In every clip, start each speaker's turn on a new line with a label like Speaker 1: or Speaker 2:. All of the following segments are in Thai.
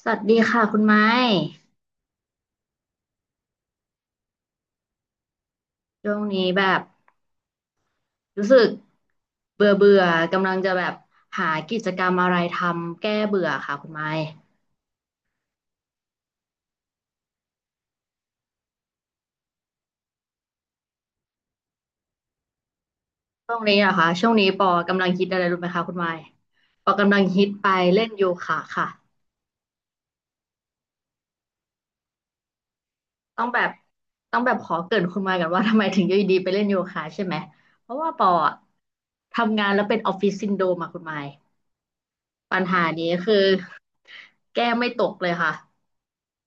Speaker 1: สวัสดีค่ะคุณไม้ช่วงนี้แบบรู้สึกเบื่อเบื่อกำลังจะแบบหากิจกรรมอะไรทำแก้เบื่อค่ะคุณไม้ช่วงนี้อะค่ะช่วงนี้ปอกำลังฮิตอะไรรู้ไหมคะคุณไม้ปอกำลังฮิตไปเล่นโยคะค่ะต้องแบบต้องแบบขอเกริ่นคุณไม้กันว่าทำไมถึงอยู่ดีๆไปเล่นโยคะใช่ไหมเพราะว่าปออะทำงานแล้วเป็นออฟฟิศซินโดรมอะคุณไม้ ปัญหานี้คือแก้ไม่ตกเลยค่ะ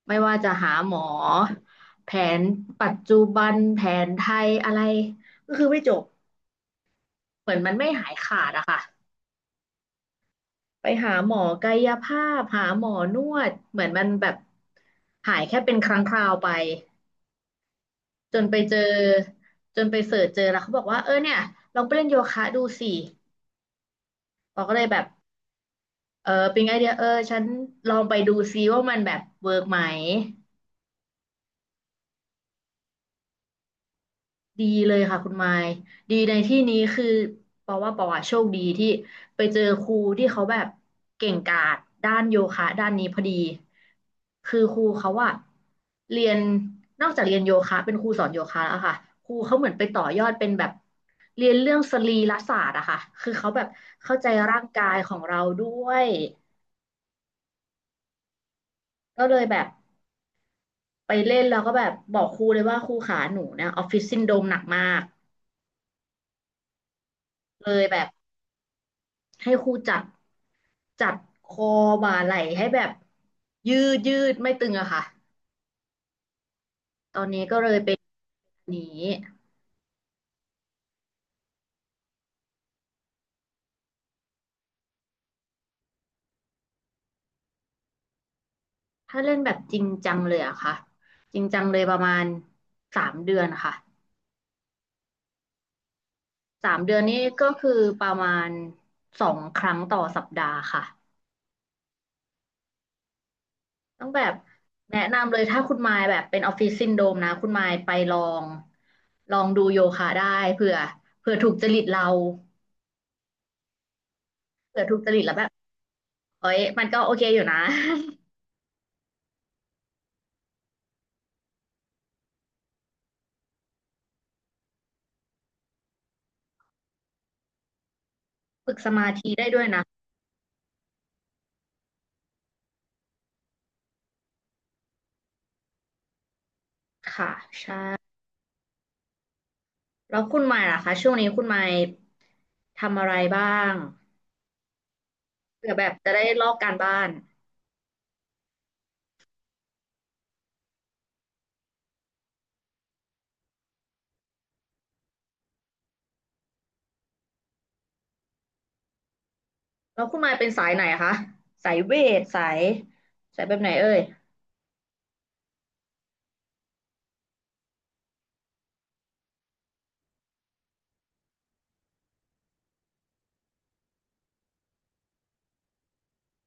Speaker 1: ไม่ว่าจะหาหมอแผนปัจจุบันแผนไทยอะไรก็คือไม่จบเหมือนมันไม่หายขาดอะค่ะไปหาหมอกายภาพหาหมอนวดเหมือนมันแบบหายแค่เป็นครั้งคราวไปจนไปเจอจนไปเสิร์ชเจอแล้วเขาบอกว่าเออเนี่ยลองไปเล่นโยคะดูสิเราก็เลยแบบเออเป็นไอเดียเออฉันลองไปดูซิว่ามันแบบเวิร์กไหม ดีเลยค่ะคุณไมค์ดีในที่นี้คือเพราะว่าปอว่าโชคดีที่ไปเจอครูที่เขาแบบเก่งกาจด้านโยคะด้านนี้พอดีคือครูเขาอะเรียนนอกจากเรียนโยคะเป็นครูสอนโยคะแล้วอค่ะครูเขาเหมือนไปต่อยอดเป็นแบบเรียนเรื่องสรีรศาสตร์อะค่ะคือเขาแบบเข้าใจร่างกายของเราด้วยก็เลยแบบไปเล่นแล้วก็แบบบอกครูเลยว่าครูขาหนูเนี่ยออฟฟิศซินโดรมหนักมากเลยแบบ ให้ครูจัดคอบ่าไหล่ให้แบบยืดยืดไม่ตึงอะค่ะตอนนี้ก็เลยเป็นอันนี้ถ้าเล่นแบบจริงจังเลยอะค่ะจริงจังเลยประมาณสามเดือนค่ะสามเดือนนี้ก็คือประมาณ2 ครั้งต่อสัปดาห์ค่ะต้องแบบแนะนำเลยถ้าคุณมายแบบเป็นออฟฟิศซินโดรมนะคุณมายไปลองลองดูโยคะได้เผื่อเผื่อถูกจริตเราเผื่อถูกจริตแล้วแบบเอ้ยมันก็โอเคอยู่นะ ฝึกสมาธิได้ด้วยนะค่ะใช่แล้วคุณหมายล่ะคะช่วงนี้คุณหมายทำอะไรบ้างเผื่อแบบจะได้ลอกการบ้านแล้วคุณหมายเป็นสายไหนคะสายเวทสายสายแบบไหนเอ่ย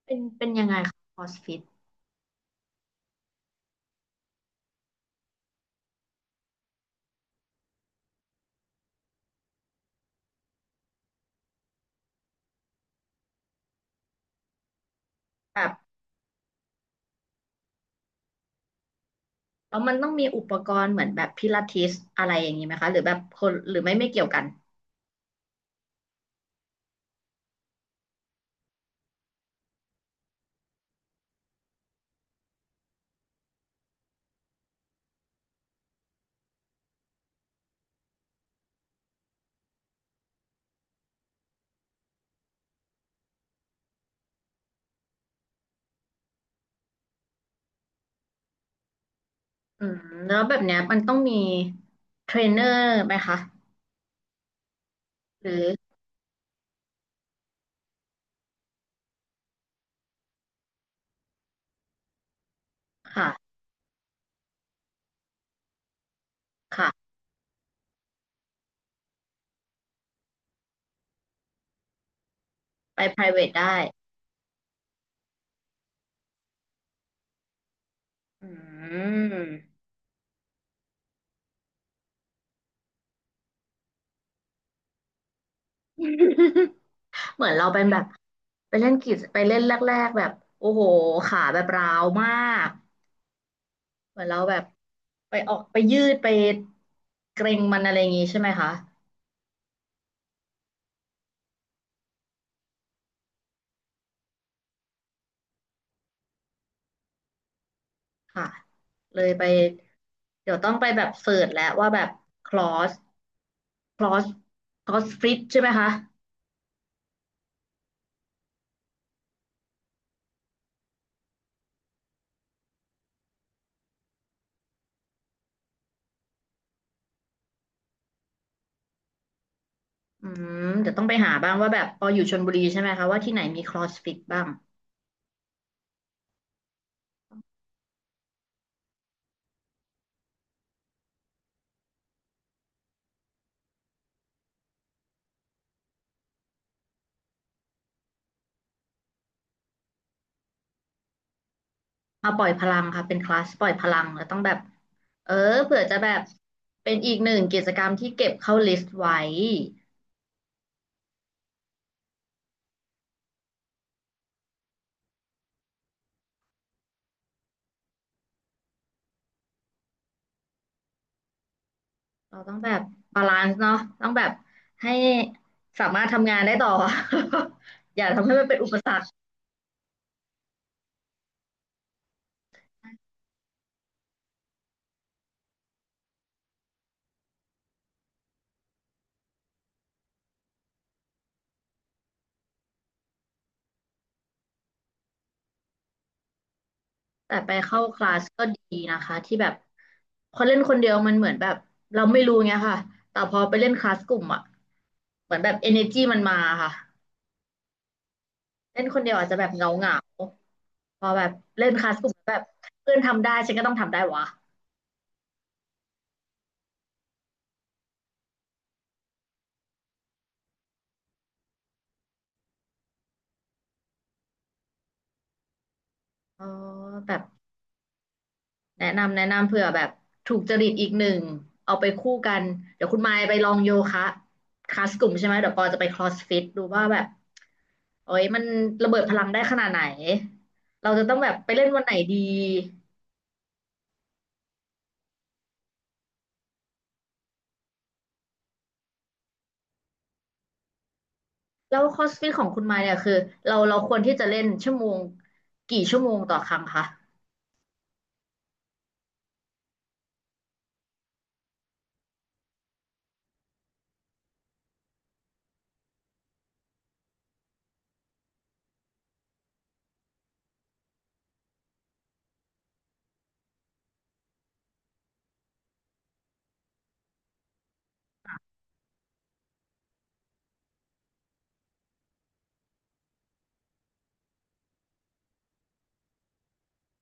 Speaker 1: เป็นเป็นยังไงคะคอสฟิตแบบแล้วมันต้องมีอุปกรณ์เหมือนแบบพิลาทิสอะไรอย่างนี้ไหมคะหรือแบบคนหรือไม่ไม่เกี่ยวกันอืมแล้วแบบเนี้ยมันต้องมีเทรนเนอร์ไหมคะหรือค่ะค่ะไป private ได้อืม เหมือนเราเป็นแบบไปเล่นกีฬาไปเล่นแรกๆแบบโอ้โหขาแบบร้าวมากเหมือนเราแบบไปออกไปยืดไปเกร็งมันอะไรอย่างงี้ใช่ไหมคะค่ะเลยไปเดี๋ยวต้องไปแบบเสิร์ชแล้วว่าแบบคลอสคลอสคลอสฟิตใช่ไหมคะอืมเดี๋ยวต้องไปหาบ้างว่าแบบพออยู่ชลบุรีใช่ไหมคะว่าที่ไหนมีคลอสฟิตบ้าง มาปล่อยพลังค่ะเป็นคลาสปล่อยพลังแล้วต้องแบบเออเผื่อจะแบบเป็นอีกหนึ่งกิจกรรมที่เก็บเข้าลิสต์ไว้เราต้องแบบบาลานซ์เนาะต้องแบบให้สามารถทำงานได้ต่อ อย่าทำให้มันเป็นอุปสรรคแต่ไปเข้าคลาสก็ดีนะคะที่แบบพอเล่นคนเดียวมันเหมือนแบบเราไม่รู้ไงค่ะแต่พอไปเล่นคลาสกลุ่มอ่ะเหมือนแบบ energy มันมาค่ะ เล่นคนเดียวอาจจะแบบเหงาเหงาพอแบบเล่นคลาสกลุ่มแบบเพื่อนทำได้ฉันก็ต้องทำได้วะอ๋อแบบแนะนำเผื่อแบบถูกจริตอีกหนึ่งเอาไปคู่กันเดี๋ยวคุณมายไปลองโยคะคลาสกลุ่มใช่ไหมเดี๋ยวปอจะไปครอสฟิตดูว่าแบบโอ้ยมันระเบิดพลังได้ขนาดไหนเราจะต้องแบบไปเล่นวันไหนดีแล้วครอสฟิตของคุณมายเนี่ยคือเราควรที่จะเล่นชั่วโมงกี่ชั่วโมงต่อครั้งคะ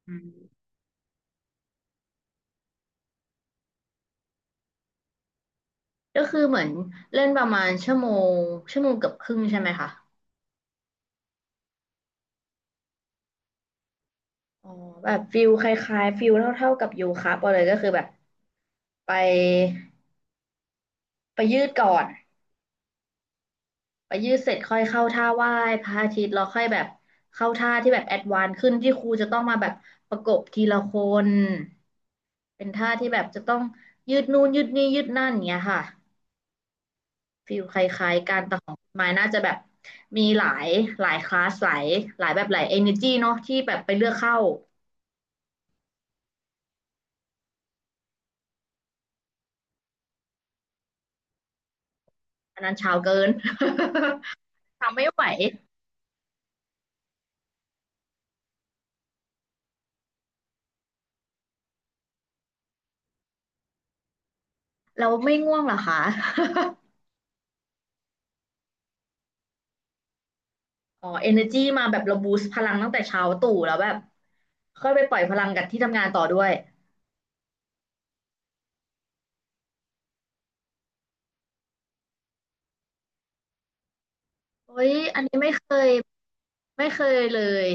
Speaker 1: อืม ก็คือเหมือนเล่นประมาณงชั่วโมงเกือบครึ่งใช่ไหมคะอ๋อแบบฟิลคล้ายๆฟิลเท่าๆกับโยคะไปเลยก็คือแบบไปไปยืดก่อนไปยืดเสร็จค่อยเข้าท่าไหว้พระอาทิตย์แล้วค่อยแบบเข้าท่าที่แบบแอดวานซ์ขึ้นที่ครูจะต้องมาแบบประกบทีละคนเป็นท่าที่แบบจะต้องยืดนู่นยืดนี่ยืดนั่นอย่างเงี้ยค่ะ ฟิลคล้ายๆกันแต่ของไม้น่าจะแบบมีหลายหลายคลาสหลายหลายแบบหลายเอเนจีเนาะที่แบบไปเลือกเข้าอันนั้นเช้าเกิน ทำไม่ไหวเราไม่ง่วงเหรอคะ อ๋อเอเนจีมาแบบเราบูสต์พลังตั้งแต่เช้าตู่แล้วแบบค่อยไปปล่อยพลังกับที่ทำงานต่อด้วยโอ้ยอันนี้ยไม่เคยเลย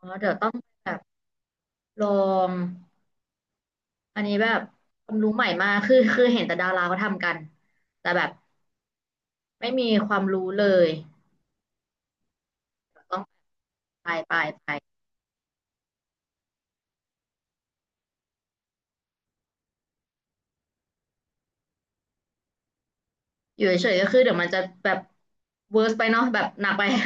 Speaker 1: อ๋อเดี๋ยวต้องแบบลองอันนี้แบบความรู้ใหม่มากคือคือเห็นแต่ดาราเขาทำกันแต่แบบ ไม่มีความรู้เลยต้องไปไปอยู่เฉยๆก็คือเดี๋ยวมันจะแบบเวิร์สไปเนาะแบบหนักไป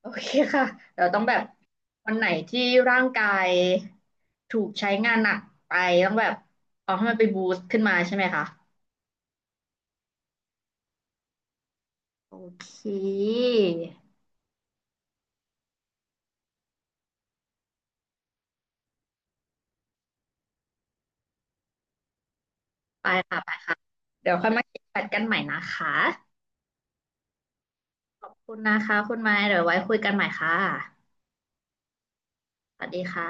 Speaker 1: โอเคค่ะเดี๋ยวต้องแบบวันไหนที่ร่างกายถูกใช้งานหนักไปต้องแบบเอาให้มันไปบูสต์ขึ้นมาใช่ไหมคะโอเคไปค่ะไปค่ะเดี๋ยวค่อยมาคิดแบทกันใหม่นะคะขอบคุณนะคะคุณไม้เดี๋ยวไว้คุยกันใหม่ค่ะสวัสดีค่ะ